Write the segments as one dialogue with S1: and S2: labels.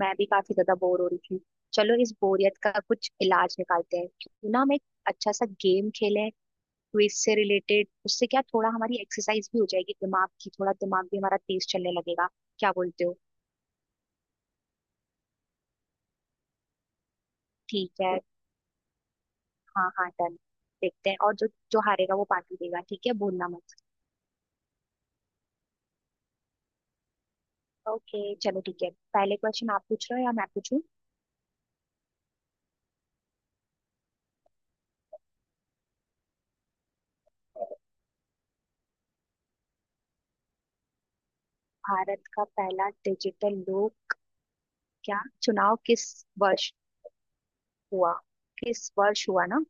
S1: मैं भी काफी ज्यादा बोर हो रही थी। चलो, इस बोरियत का कुछ इलाज निकालते हैं। क्यों ना हम एक अच्छा सा गेम खेलें, क्विज से रिलेटेड। उससे क्या, थोड़ा हमारी एक्सरसाइज भी हो जाएगी दिमाग की, थोड़ा दिमाग भी हमारा तेज चलने लगेगा। क्या बोलते हो? ठीक है। हाँ हाँ, डन। देखते हैं। और जो जो हारेगा वो पार्टी देगा। ठीक है, भूलना मत। ओके, चलो ठीक है। पहले क्वेश्चन आप पूछ रहे हो या मैं पूछूं? भारत का पहला डिजिटल लोक, क्या, चुनाव किस वर्ष हुआ, किस वर्ष हुआ ना?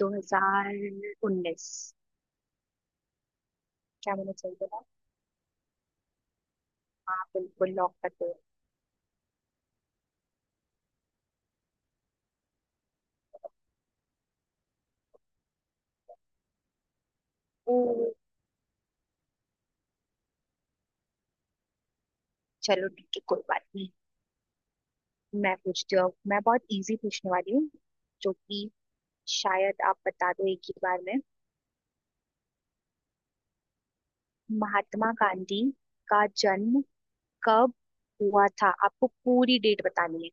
S1: 2019। क्या मैंने सही बोला? हाँ, बिल्कुल लॉक कर दो। ओ, चलो ठीक है, कोई बात नहीं। मैं पूछती हूँ अब। मैं बहुत इजी पूछने वाली हूँ, जो कि शायद आप बता दो एक ही बार में। महात्मा गांधी का जन्म कब हुआ था? आपको पूरी डेट बतानी है,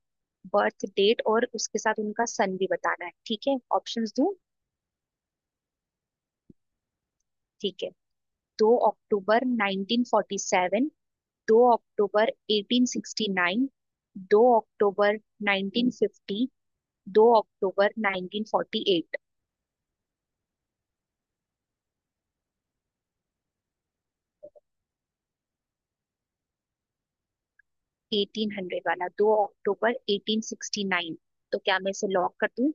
S1: बर्थ डेट, और उसके साथ उनका सन भी बताना है। ठीक है? ऑप्शंस दूं? ठीक है। दो अक्टूबर 1947, दो अक्टूबर 1869, दो अक्टूबर 1950, दो अक्टूबर 1948, 1800 वाला दो अक्टूबर 1869। तो क्या मैं इसे लॉक कर दूं?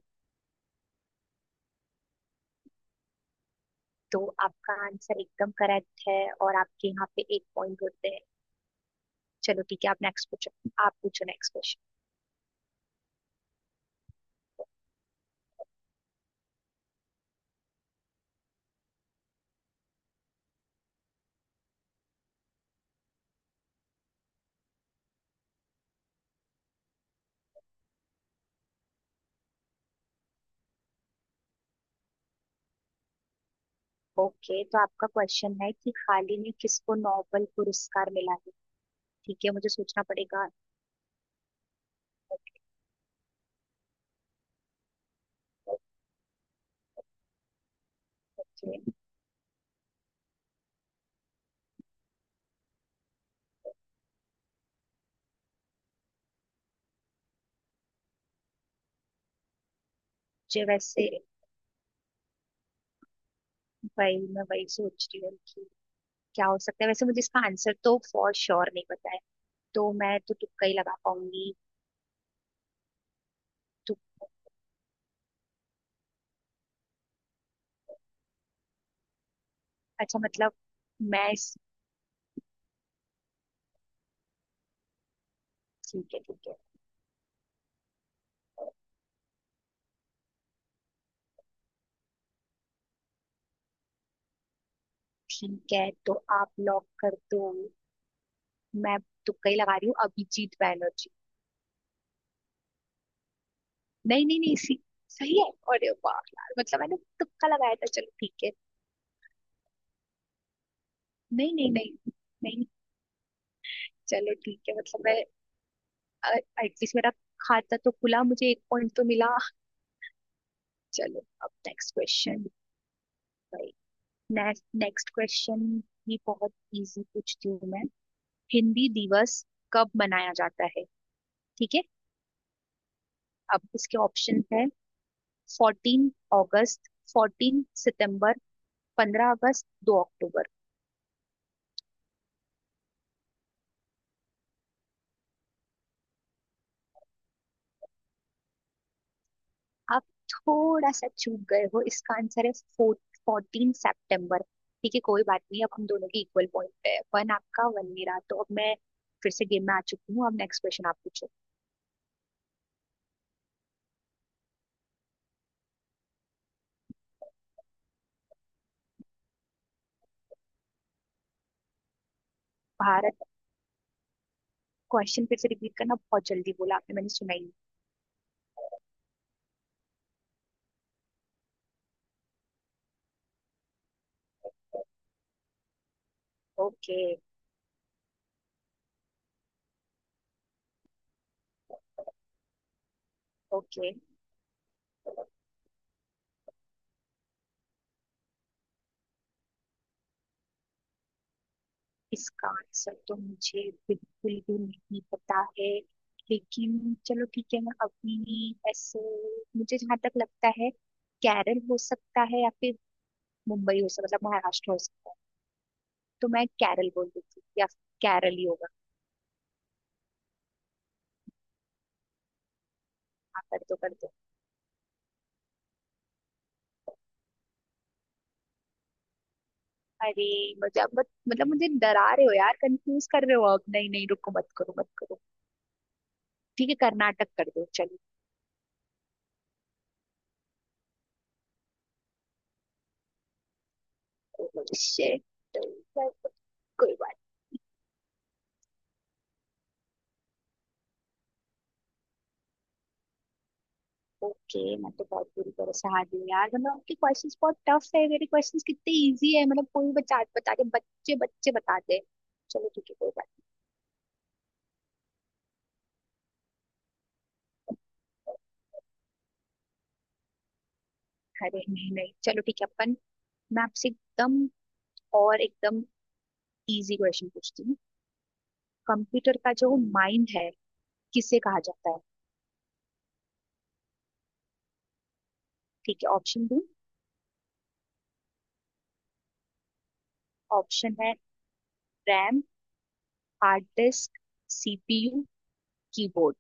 S1: तो आपका आंसर एकदम करेक्ट है, और आपके यहाँ पे एक पॉइंट होते हैं। चलो ठीक है, आप नेक्स्ट पूछो। आप पूछो नेक्स्ट क्वेश्चन। ओके, तो आपका क्वेश्चन है कि हाल ही में किसको नोबेल पुरस्कार मिला है। ठीक है, मुझे सोचना पड़ेगा। ओके। मुझे वैसे, वही मैं वही सोच रही हूँ कि क्या हो सकता है। वैसे मुझे इसका आंसर तो फॉर श्योर नहीं पता है, तो मैं तो तुक्का ही लगा पाऊंगी। तो अच्छा, मतलब मैं इस- ठीक है ठीक है। ठीक है, तो आप लॉक कर दो। मैं तुक्का ही लगा रही हूँ, अभिजीत बैनर्जी। नहीं नहीं नहीं, इसी। सही है। अरे वाह यार, मतलब मैंने तुक्का लगाया था, चलो ठीक है। नहीं नहीं नहीं नहीं, चलो ठीक है, मतलब मैं एटलीस्ट, मेरा खाता तो खुला, मुझे एक पॉइंट तो मिला। चलो, अब next question. Next next question भी बहुत इजी पूछती हूँ मैं। हिंदी दिवस कब मनाया जाता है? ठीक है। अब इसके ऑप्शन है: 14 अगस्त, 14 सितंबर, 15 अगस्त, दो अक्टूबर। आप थोड़ा सा चूक गए हो, इसका आंसर है 14 सितंबर। ठीक है, कोई बात नहीं। अब हम दोनों के इक्वल पॉइंट पे है, वन आपका वन मेरा। तो अब मैं फिर से गेम में आ चुकी हूँ। अब नेक्स्ट क्वेश्चन आप पूछो। भारत। क्वेश्चन फिर से रिपीट करना, बहुत जल्दी बोला आपने, मैंने सुना ही। ओके। ओके। इसका आंसर तो मुझे बिल्कुल भी नहीं पता है, लेकिन चलो ठीक है, मैं अपनी ऐसे, मुझे जहां तक लगता है केरल हो सकता है, या फिर मुंबई हो सकता, मतलब महाराष्ट्र हो सकता है। तो मैं केरल बोल देती हूँ, या केरल ही होगा। हाँ, कर दो कर दो। अरे, मतलब मतलब मुझे डरा रहे हो यार, कंफ्यूज कर रहे हो। अब नहीं नहीं, रुको, मत करो मत करो। ठीक है, कर्नाटक कर दो चलो। Oh shit, कोई बात। ओके, मैं तो बहुत बुरी तरह से हार गई यार, मतलब आपके क्वेश्चंस बहुत टफ है, मेरे क्वेश्चंस कितने इजी है। मतलब कोई बच्चा बता के बच्चे बच्चे बताते हैं। चलो ठीक है, कोई बात नहीं। अरे नहीं नहीं, चलो ठीक है, अपन। मैं आपसे एकदम और एकदम इजी क्वेश्चन पूछती हूँ। कंप्यूटर का जो माइंड है किसे कहा जाता है? ठीक है, ऑप्शन दो। ऑप्शन है: RAM, hard disk, CPU, keyboard.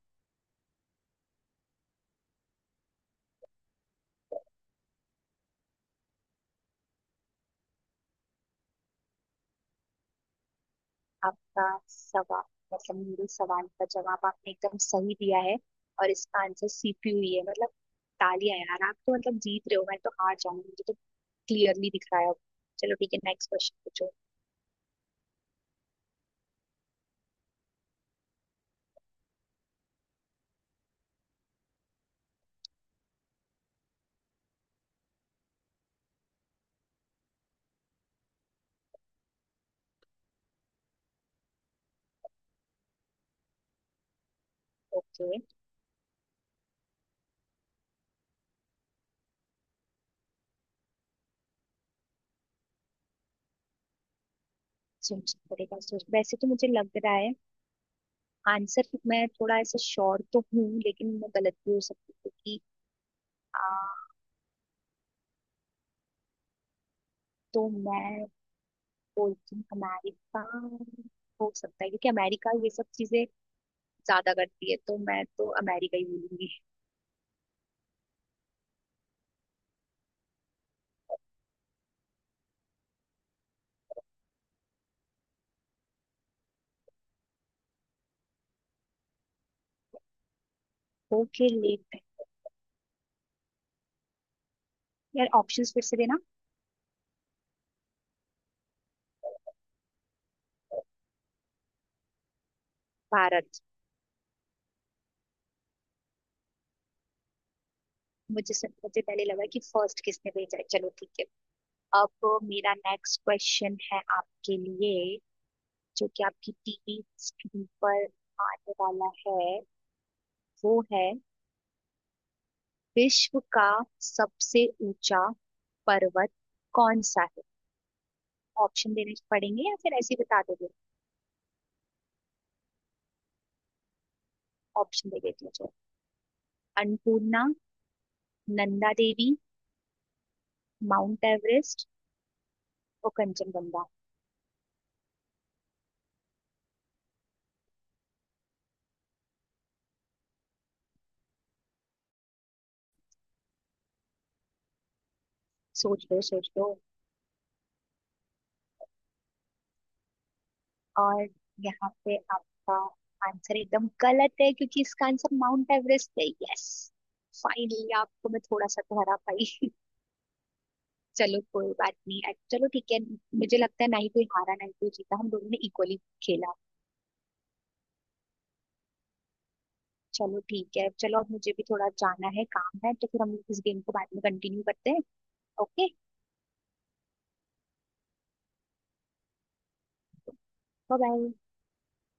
S1: आपका सवाल मतलब मेरे सवाल का जवाब आपने एकदम सही दिया है, और इसका आंसर सीपीयू ही है। मतलब तालियां यार, आप तो मतलब जीत रहे हो, मैं तो हार जाऊंगी, मुझे तो क्लियरली दिख रहा है अब। चलो ठीक है, नेक्स्ट क्वेश्चन पूछो। ओके। सोचना पड़ेगा। सोच वैसे तो मुझे लग रहा है आंसर, मैं थोड़ा ऐसे श्योर तो हूँ, लेकिन मैं गलत भी हो सकती हूँ, क्योंकि आ, तो मैं बोलती हूँ अमेरिका हो सकता है, क्योंकि अमेरिका ये सब चीजें ज्यादा करती है, तो मैं तो अमेरिका ही बोलूंगी। ओके, लेक बैंक यार, ऑप्शंस फिर से देना। भारत। मुझे पहले लगा कि फर्स्ट किसने भेजा है। चलो ठीक है। अब मेरा नेक्स्ट क्वेश्चन है आपके लिए, जो कि आपकी टीवी स्क्रीन पर आने वाला है। वो है: विश्व का सबसे ऊंचा पर्वत कौन सा है? ऑप्शन देने पड़ेंगे या फिर ऐसे ही बता दोगे? ऑप्शन दे देती हूँ चलो। अन्नपूर्णा, नंदा देवी, माउंट एवरेस्ट, और कंचनजंगा। सोच लो सोच लो। और यहाँ पे आपका आंसर एकदम गलत है क्योंकि इसका आंसर माउंट एवरेस्ट है। यस, फाइनली आपको मैं थोड़ा सा तो हरा पाई। चलो कोई बात नहीं। चलो ठीक है। मुझे लगता है ना ही कोई हारा ना ही कोई जीता, हम दोनों ने इक्वली खेला। चलो ठीक है, चलो अब मुझे भी थोड़ा जाना है, काम है, तो फिर हम इस गेम को बाद में कंटिन्यू करते हैं। Okay, bye bye.